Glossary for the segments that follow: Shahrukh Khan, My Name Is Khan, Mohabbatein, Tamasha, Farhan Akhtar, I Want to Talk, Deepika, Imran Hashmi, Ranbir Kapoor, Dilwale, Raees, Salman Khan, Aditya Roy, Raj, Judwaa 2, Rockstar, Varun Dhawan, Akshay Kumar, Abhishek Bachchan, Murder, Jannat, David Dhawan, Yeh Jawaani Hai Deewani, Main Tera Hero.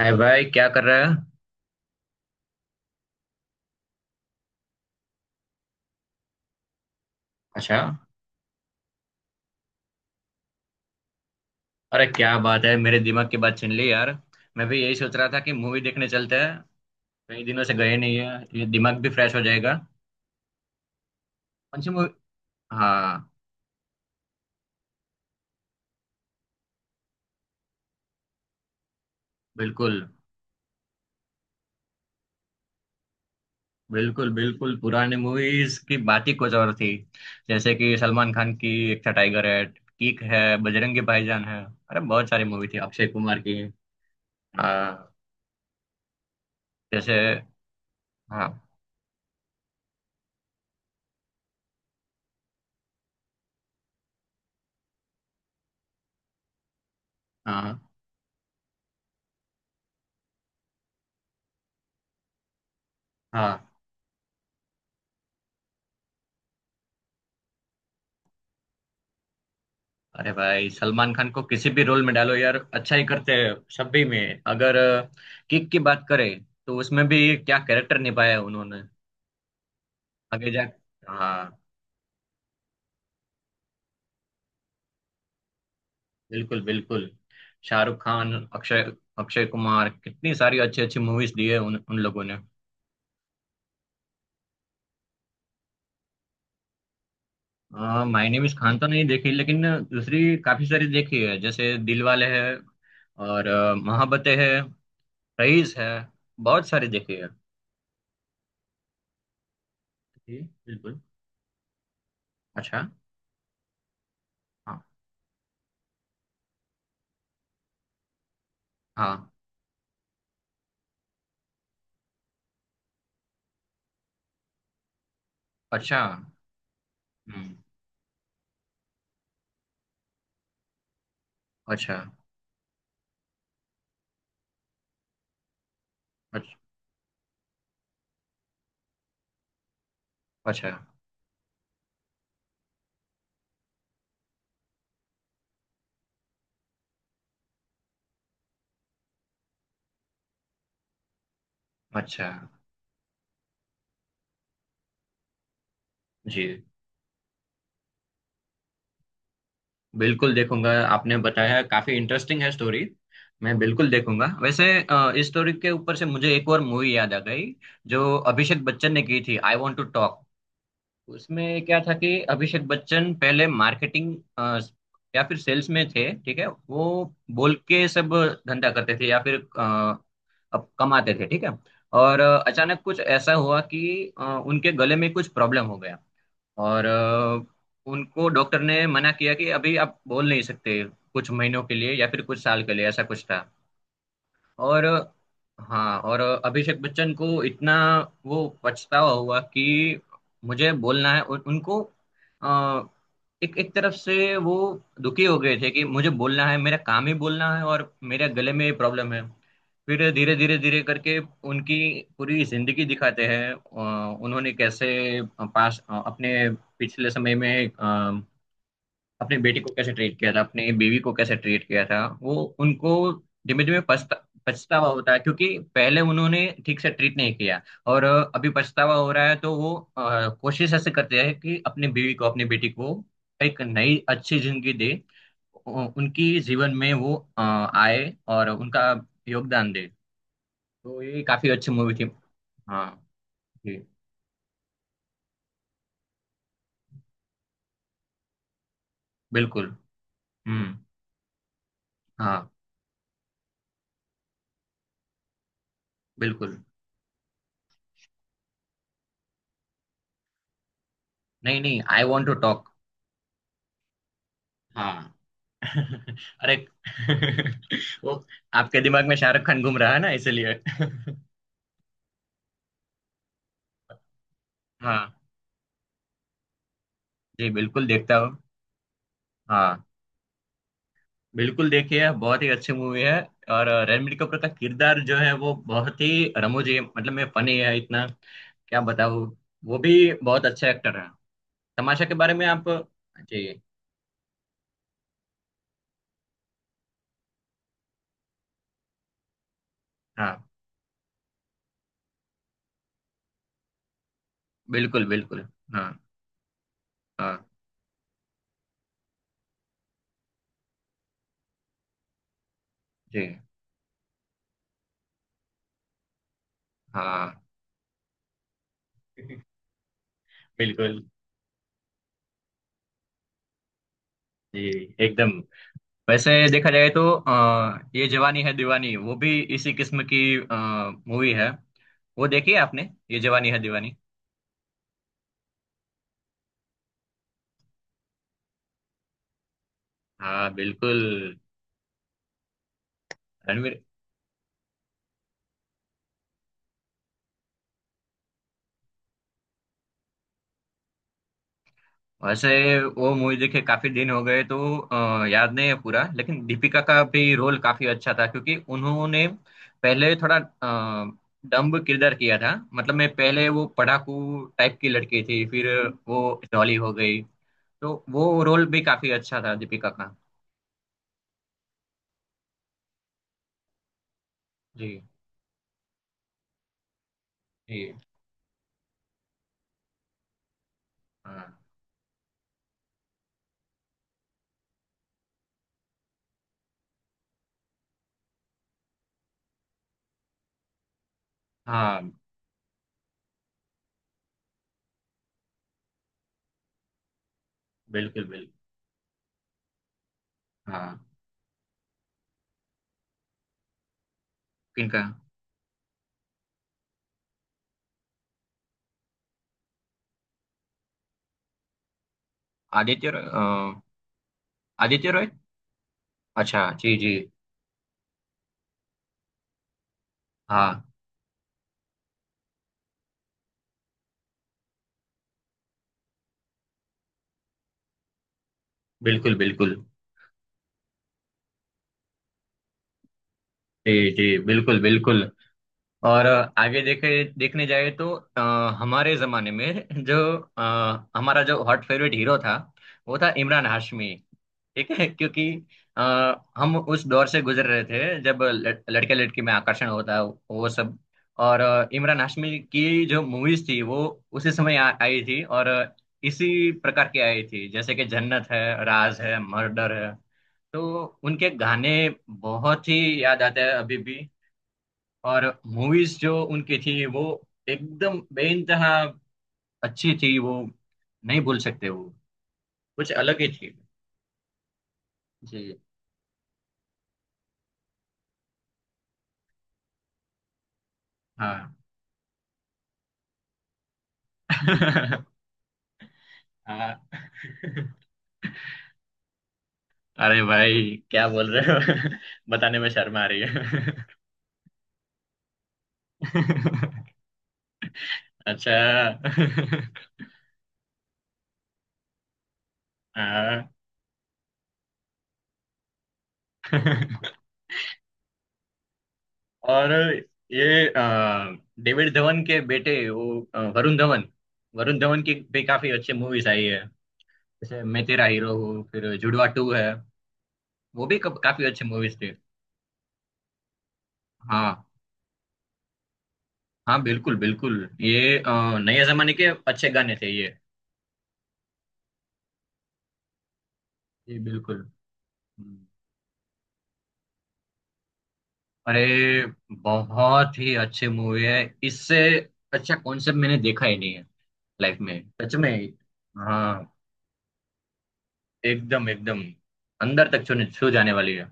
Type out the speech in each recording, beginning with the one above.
हाय भाई, क्या कर रहा है? अच्छा। अरे क्या बात है, मेरे दिमाग की बात छीन ली यार। मैं भी यही सोच रहा था कि मूवी देखने चलते हैं। कई दिनों से गए नहीं है। ये दिमाग भी फ्रेश हो जाएगा। कौन सी मूवी? हाँ। बिल्कुल, बिल्कुल, बिल्कुल। पुरानी मूवीज की बात ही कुछ और थी। जैसे कि सलमान खान की एक था टाइगर है, किक है, बजरंगी भाईजान है, अरे बहुत सारी मूवी थी, अक्षय कुमार की। हाँ। जैसे। हाँ, हाँ, हाँ। अरे भाई, सलमान खान को किसी भी रोल में डालो यार, अच्छा ही करते हैं सभी में। अगर किक की बात करें तो उसमें भी क्या कैरेक्टर निभाया है उन्होंने। आगे जा। हाँ। बिल्कुल, बिल्कुल। शाहरुख खान, अक्षय अक्षय कुमार कितनी सारी अच्छी अच्छी मूवीज दी है उन लोगों ने। माय नेम इज खान तो नहीं देखी, लेकिन दूसरी काफी सारी देखी है। जैसे दिलवाले है, और मोहब्बतें है, रईस है। बहुत सारी देखी है। जी, बिल्कुल। अच्छा। हाँ, हाँ। अच्छा। हुँ। अच्छा। अच्छ अच्छा। अच्छा। जी, बिल्कुल देखूँगा। आपने बताया, काफ़ी इंटरेस्टिंग है स्टोरी। मैं बिल्कुल देखूँगा। वैसे इस स्टोरी के ऊपर से मुझे एक और मूवी याद आ गई, जो अभिषेक बच्चन ने की थी, आई वांट टू टॉक। उसमें क्या था कि अभिषेक बच्चन पहले मार्केटिंग, या फिर सेल्स में थे, ठीक है? वो बोल के सब धंधा करते थे, या फिर अब कमाते थे, ठीक है? और अचानक कुछ ऐसा हुआ कि उनके गले में कुछ प्रॉब्लम हो गया। और उनको डॉक्टर ने मना किया कि अभी आप बोल नहीं सकते, कुछ महीनों के लिए या फिर कुछ साल के लिए, ऐसा कुछ था। और, हाँ, और अभिषेक बच्चन को इतना वो पछतावा हुआ कि मुझे बोलना है, और उनको अ, एक एक तरफ से वो दुखी हो गए थे कि मुझे बोलना है, मेरा काम ही बोलना है और मेरे गले में ये प्रॉब्लम है। फिर धीरे धीरे धीरे करके उनकी पूरी जिंदगी दिखाते हैं, उन्होंने कैसे पास अपने पिछले समय में अपने बेटे को कैसे ट्रीट किया था, अपने बीवी को कैसे ट्रीट किया था, वो उनको धीमे धीमे पछतावा होता है, क्योंकि पहले उन्होंने ठीक से ट्रीट नहीं किया। और अभी पछतावा हो रहा है, तो वो कोशिश ऐसे करते हैं कि अपने बीवी को, अपनी बेटी को एक नई अच्छी जिंदगी दे, उनकी जीवन में वो आए और उनका योगदान दे। तो ये काफी अच्छी मूवी थी। हाँ। जी, बिल्कुल। हम्म। हाँ, बिल्कुल। नहीं, नहीं, आई वॉन्ट टू टॉक। हाँ। अरे। वो आपके दिमाग में शाहरुख खान घूम रहा है ना, इसलिए। हाँ, जी, बिल्कुल देखता हूँ। हाँ, बिल्कुल देखिए, बहुत ही अच्छी मूवी है। और रणबीर कपूर का किरदार जो है, वो बहुत ही रमूजी है, मतलब मैं फनी है इतना, क्या बताऊँ। वो भी बहुत अच्छा एक्टर है। तमाशा के बारे में आप। जी। हाँ, बिल्कुल, बिल्कुल। हाँ, हाँ। जी, हाँ, बिल्कुल। जी। एकदम। वैसे देखा जाए तो ये जवानी है दीवानी, वो भी इसी किस्म की मूवी है। वो देखी है आपने, ये जवानी है दीवानी? हाँ, बिल्कुल। रणवीर। वैसे वो मूवी देखे काफी दिन हो गए, तो याद नहीं है पूरा, लेकिन दीपिका का भी रोल काफी अच्छा था, क्योंकि उन्होंने पहले थोड़ा डम्ब किरदार किया था, मतलब मैं पहले, वो पढ़ाकू टाइप की लड़की थी, फिर वो डॉली हो गई। तो वो रोल भी काफी अच्छा था दीपिका का। जी, जी। हाँ, हाँ। बिल्कुल, बिल्कुल। हाँ। किनका? आदित्य रॉय अ, आदित्य रॉय। अच्छा, जी, जी। हाँ, बिल्कुल, बिल्कुल। जी, जी, बिल्कुल, बिल्कुल। और आगे देखे देखने जाए तो अ, हमारे जमाने में जो अ, हमारा जो हॉट फेवरेट हीरो था, वो था इमरान हाशमी। ठीक है? क्योंकि आ, हम उस दौर से गुजर रहे थे जब लड़के लड़की में आकर्षण होता है वो सब। और इमरान हाशमी की जो मूवीज थी वो उसी समय आई थी, और इसी प्रकार की आई थी, जैसे कि जन्नत है, राज है, मर्डर है। तो उनके गाने बहुत ही याद आते हैं अभी भी। और मूवीज जो उनकी थी वो एकदम बेइंतहा अच्छी थी, वो नहीं भूल सकते, वो कुछ अलग ही थी। जी। हाँ। हाँ। अरे भाई, क्या बोल रहे हो? बताने में शर्म आ रही है। अच्छा। हाँ। और ये डेविड धवन के बेटे, वो वरुण धवन, वरुण धवन की भी काफी अच्छी मूवीज आई है। जैसे मैं तेरा हीरो हूँ, फिर जुड़वा टू है, वो भी काफी अच्छे मूवीज थे। हाँ, हाँ, बिल्कुल, बिल्कुल। ये नए जमाने के अच्छे गाने थे ये। ये बिल्कुल। हम्म। अरे बहुत ही अच्छे मूवी है, इससे अच्छा कॉन्सेप्ट मैंने देखा ही नहीं है लाइफ में, सच में। हाँ। एकदम, एकदम। अंदर तक छूने छू जाने वाली है।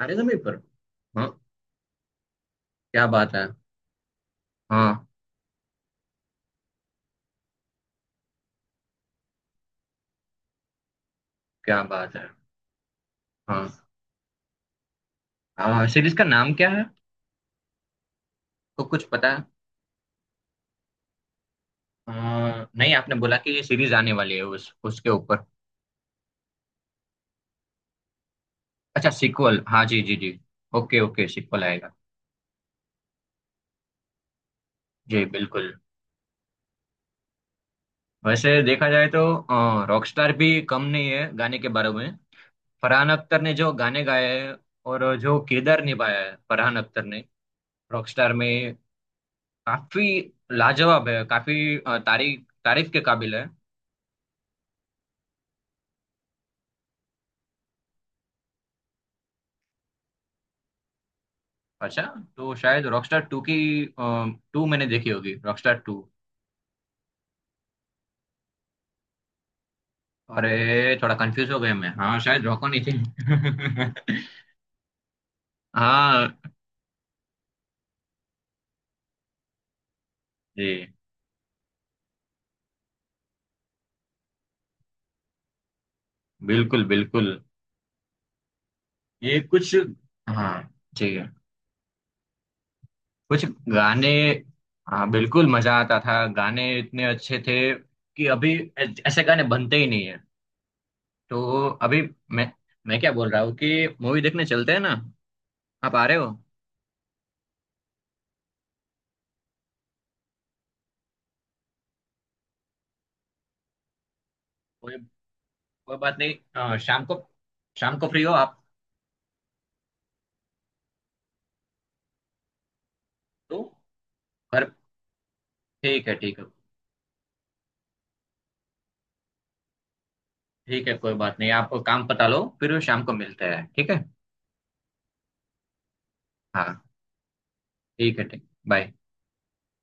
अरे, समय पर। हाँ, क्या बात है। हाँ, क्या बात है। हाँ। सीरीज का नाम क्या है, तो कुछ पता है? अ, नहीं, आपने बोला कि ये सीरीज आने वाली है उस, उसके ऊपर। अच्छा सीक्वल, हाँ, जी, जी, जी। ओके, ओके, सीक्वल आएगा। जी, बिल्कुल। वैसे देखा जाए तो रॉकस्टार भी कम नहीं है गाने के बारे में। फरहान अख्तर ने जो गाने गाए हैं और जो किरदार निभाया है फरहान अख्तर ने रॉकस्टार में, काफी लाजवाब है, काफी तारीफ तारीफ के काबिल है। अच्छा, तो शायद रॉकस्टार टू की, टू मैंने देखी होगी, रॉकस्टार टू। अरे थोड़ा कंफ्यूज हो गया मैं, हाँ, शायद रॉको नहीं थी। हाँ। जी, बिल्कुल, बिल्कुल। ये कुछ, हाँ, ठीक है, कुछ गाने। हाँ, बिल्कुल मजा आता था, गाने इतने अच्छे थे कि अभी ऐसे गाने बनते ही नहीं है। तो अभी मैं मैं क्या बोल रहा हूँ कि मूवी देखने चलते हैं ना? आप आ रहे हो? कोई कोई बात नहीं, शाम को, शाम को फ्री हो आप? तो, पर, ठीक है, ठीक है। ठीक है, कोई बात नहीं, आप काम पता लो, फिर शाम को मिलते हैं, ठीक है? हाँ, ठीक है, ठीक, बाय।